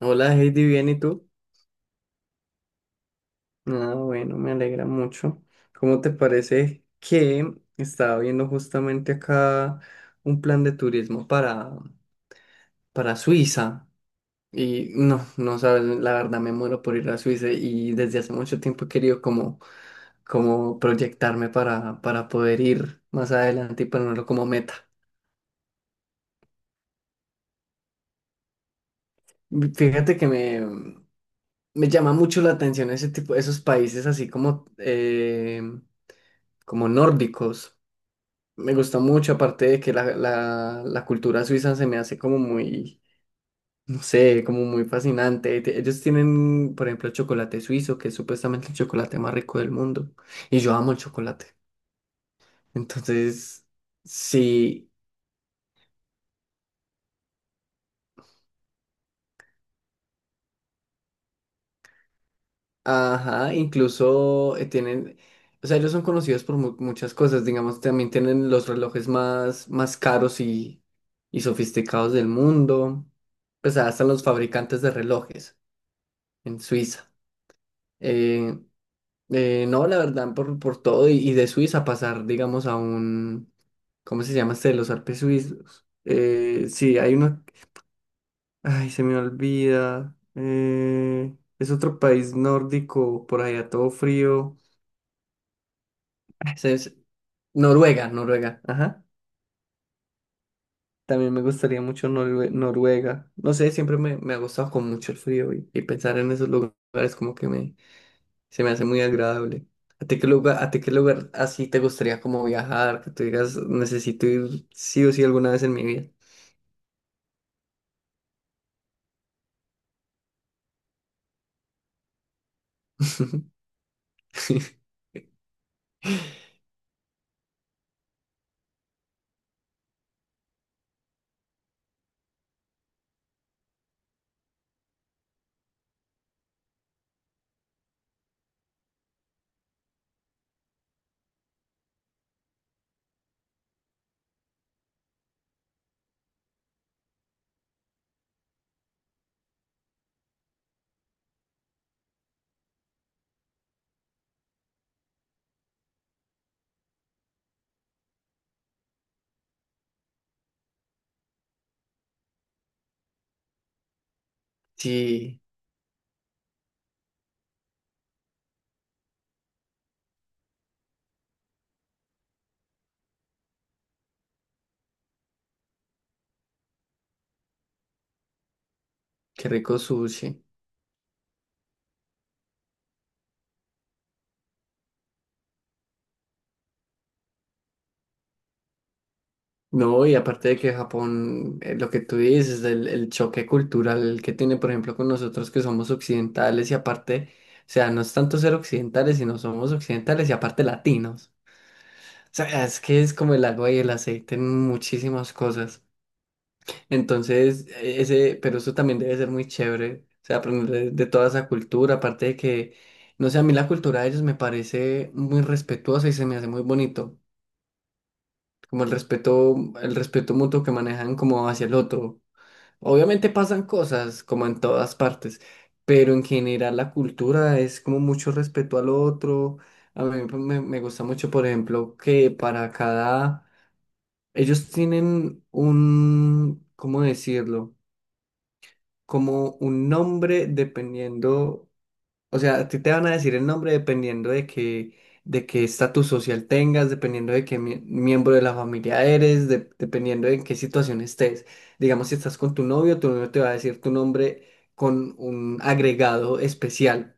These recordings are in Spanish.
Hola Heidi, bien, ¿y tú? Ah, bueno, me alegra mucho. ¿Cómo te parece que estaba viendo justamente acá un plan de turismo para Suiza? Y no, no sabes, la verdad me muero por ir a Suiza y desde hace mucho tiempo he querido como proyectarme para poder ir más adelante y ponerlo como meta. Fíjate que me llama mucho la atención ese tipo, esos países así como nórdicos. Me gusta mucho, aparte de que la cultura suiza se me hace como muy, no sé, como muy fascinante. Ellos tienen, por ejemplo, el chocolate suizo, que es supuestamente el chocolate más rico del mundo. Y yo amo el chocolate. Entonces, sí, ajá, incluso tienen, o sea, ellos son conocidos por muchas cosas. Digamos, también tienen los relojes más caros y sofisticados del mundo. Pues hasta los fabricantes de relojes en Suiza. Eh, no, la verdad, por todo, y de Suiza pasar, digamos, a un, ¿cómo se llama este? Los Alpes suizos. Sí, hay uno, ay, se me olvida. Es otro país nórdico, por allá todo frío. Ah, Noruega, Noruega, ajá. También me gustaría mucho Noruega. No sé, siempre me ha gustado con mucho el frío y pensar en esos lugares como que me, se me hace muy agradable. ¿A ti qué lugar así te gustaría como viajar? Que tú digas, necesito ir sí o sí alguna vez en mi vida. Sí, qué rico sushi. No, y aparte de que Japón, lo que tú dices, del el choque cultural que tiene, por ejemplo, con nosotros que somos occidentales y aparte, o sea, no es tanto ser occidentales, sino somos occidentales y aparte latinos. O sea, es que es como el agua y el aceite en muchísimas cosas. Entonces, ese, pero eso también debe ser muy chévere, o sea, aprender de toda esa cultura, aparte de que, no sé, a mí la cultura de ellos me parece muy respetuosa y se me hace muy bonito, como el respeto mutuo que manejan como hacia el otro. Obviamente pasan cosas como en todas partes, pero en general la cultura es como mucho respeto al otro. A mí me gusta mucho, por ejemplo, que para cada. Ellos tienen un, ¿cómo decirlo? Como un nombre dependiendo, o sea, a ti te van a decir el nombre dependiendo de qué estatus social tengas, dependiendo de qué miembro de la familia eres, dependiendo de en qué situación estés. Digamos, si estás con tu novio te va a decir tu nombre con un agregado especial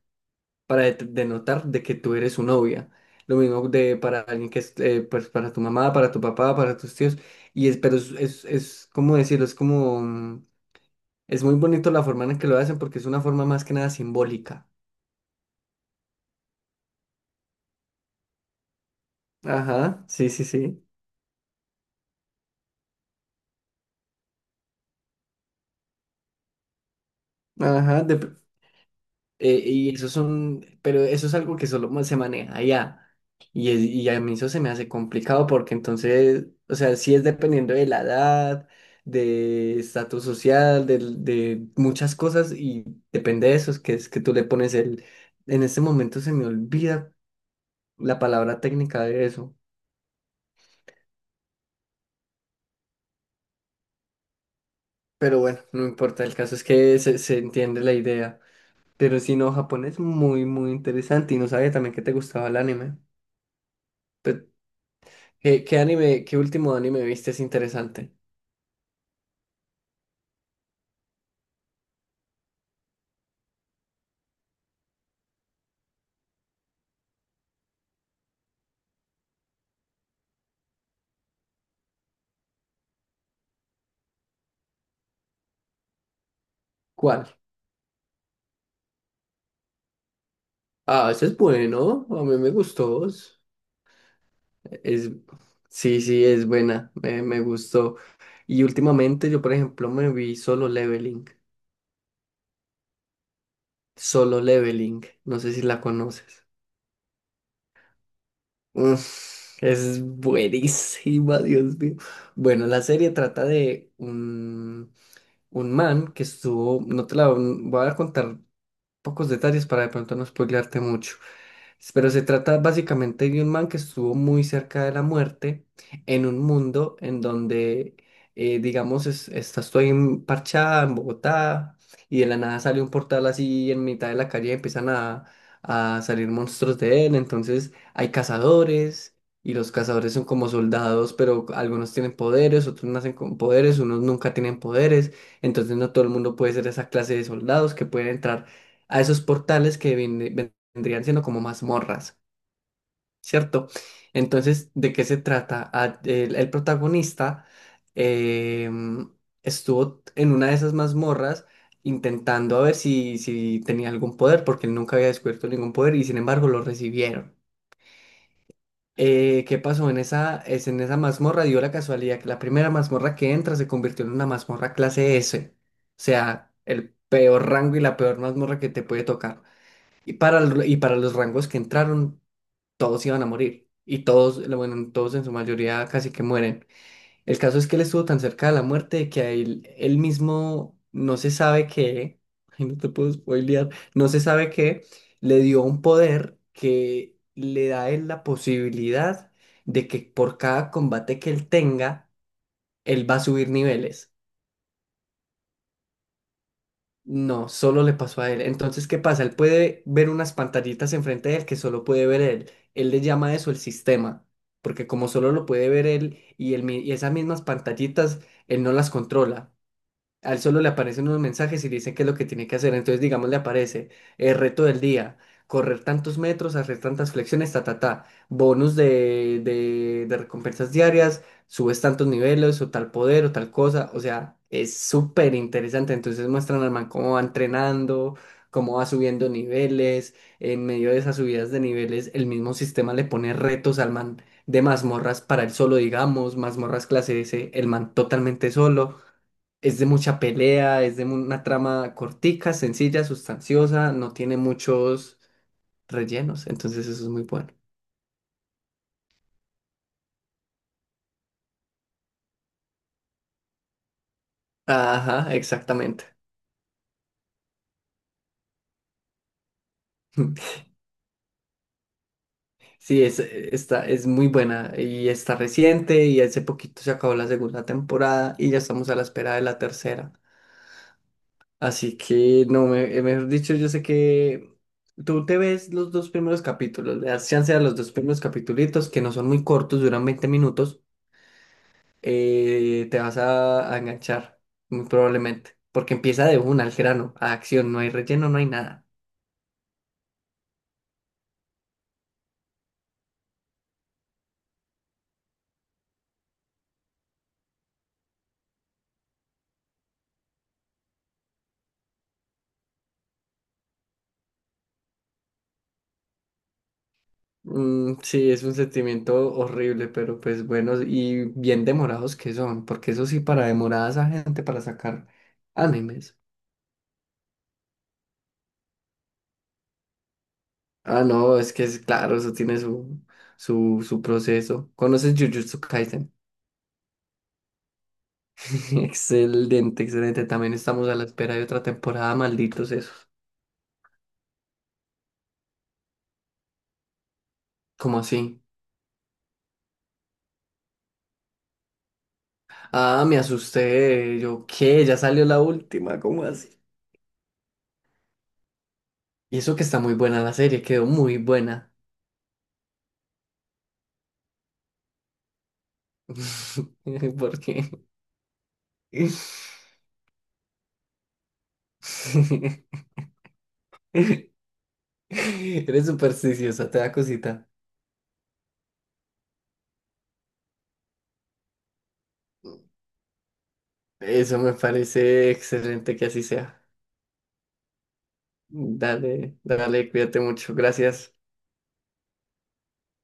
para denotar de que tú eres su novia. Lo mismo de para alguien que es, pues para tu mamá, para tu papá, para tus tíos. Y es, pero es como decirlo, es como, es muy bonito la forma en que lo hacen porque es una forma más que nada simbólica. Ajá, sí, sí, sí. Ajá, y eso son, pero eso es algo que solo se maneja allá. Y a mí eso se me hace complicado porque entonces, o sea, sí es dependiendo de la edad, de estatus social, muchas cosas y depende de eso, es que tú le pones el. En este momento se me olvida la palabra técnica de eso, pero bueno, no importa, el caso es que se entiende la idea. Pero si no, Japón es muy, muy interesante y no sabía también que te gustaba el anime. Pe- ¿Qué último anime viste es interesante? ¿Cuál? Ah, ese es bueno, a mí me gustó. Es- sí, sí, es buena, me gustó. Y últimamente yo, por ejemplo, me vi Solo Leveling. Solo Leveling, no sé si la conoces. Uf, es buenísima, Dios mío. Bueno, la serie trata de un man que estuvo, no te la voy a contar pocos detalles para de pronto no spoilearte mucho, pero se trata básicamente de un man que estuvo muy cerca de la muerte en un mundo en donde, digamos, estás tú ahí en Parchá, en Bogotá, y de la nada sale un portal así en mitad de la calle y empiezan a salir monstruos de él. Entonces hay cazadores y los cazadores son como soldados, pero algunos tienen poderes, otros nacen con poderes, unos nunca tienen poderes. Entonces no todo el mundo puede ser esa clase de soldados que pueden entrar a esos portales que vienen vendrían siendo como mazmorras, ¿cierto? Entonces, ¿de qué se trata? Ah, el protagonista em, estuvo en una de esas mazmorras intentando a ver si tenía algún poder, porque él nunca había descubierto ningún poder y sin embargo lo recibieron. ¿Qué pasó? En esa mazmorra dio la casualidad que la primera mazmorra que entra se convirtió en una mazmorra clase S, o sea, el peor rango y la peor mazmorra que te puede tocar. Y para los rangos que entraron, todos iban a morir. Bueno, todos en su mayoría casi que mueren. El caso es que él estuvo tan cerca de la muerte que a él, él mismo no se sabe qué, ay, no te puedo spoilear, no se sabe qué, le dio un poder que le da a él la posibilidad de que por cada combate que él tenga, él va a subir niveles. No, solo le pasó a él. Entonces, ¿qué pasa? Él puede ver unas pantallitas enfrente de él que solo puede ver él. Él le llama a eso el sistema, porque como solo lo puede ver él y esas mismas pantallitas, él no las controla. Al solo le aparecen unos mensajes y dicen qué es lo que tiene que hacer. Entonces, digamos, le aparece el reto del día, correr tantos metros, hacer tantas flexiones, ta, ta, ta, bonus de recompensas diarias, subes tantos niveles o tal poder o tal cosa. O sea, es súper interesante. Entonces muestran al man cómo va entrenando, cómo va subiendo niveles. En medio de esas subidas de niveles, el mismo sistema le pone retos al man de mazmorras para él solo, digamos, mazmorras clase S, el man totalmente solo. Es de mucha pelea, una trama cortica, sencilla, sustanciosa, no tiene muchos rellenos, entonces eso es muy bueno. Ajá, exactamente. Sí, es muy buena y está reciente y hace poquito se acabó la segunda temporada y ya estamos a la espera de la tercera. Así que, no, mejor dicho, yo sé que tú te ves los dos primeros capítulos, le das chance a los dos primeros capítulos que no son muy cortos, duran 20 minutos te vas a enganchar, muy probablemente, porque empieza de una al grano, a acción, no hay relleno, no hay nada. Mm, sí, es un sentimiento horrible, pero pues bueno, y bien demorados que son, porque eso sí, para demorar a esa gente para sacar animes. Ah, no, es que es claro, eso tiene su proceso. ¿Conoces Jujutsu Kaisen? Excelente, excelente. También estamos a la espera de otra temporada, malditos esos. ¿Cómo así? Ah, me asusté. Yo, ¿qué? Ya salió la última, ¿cómo así? Y eso que está muy buena la serie, quedó muy buena. ¿Por qué? Eres supersticiosa, te da cosita. Eso me parece excelente que así sea. Dale, dale, cuídate mucho. Gracias.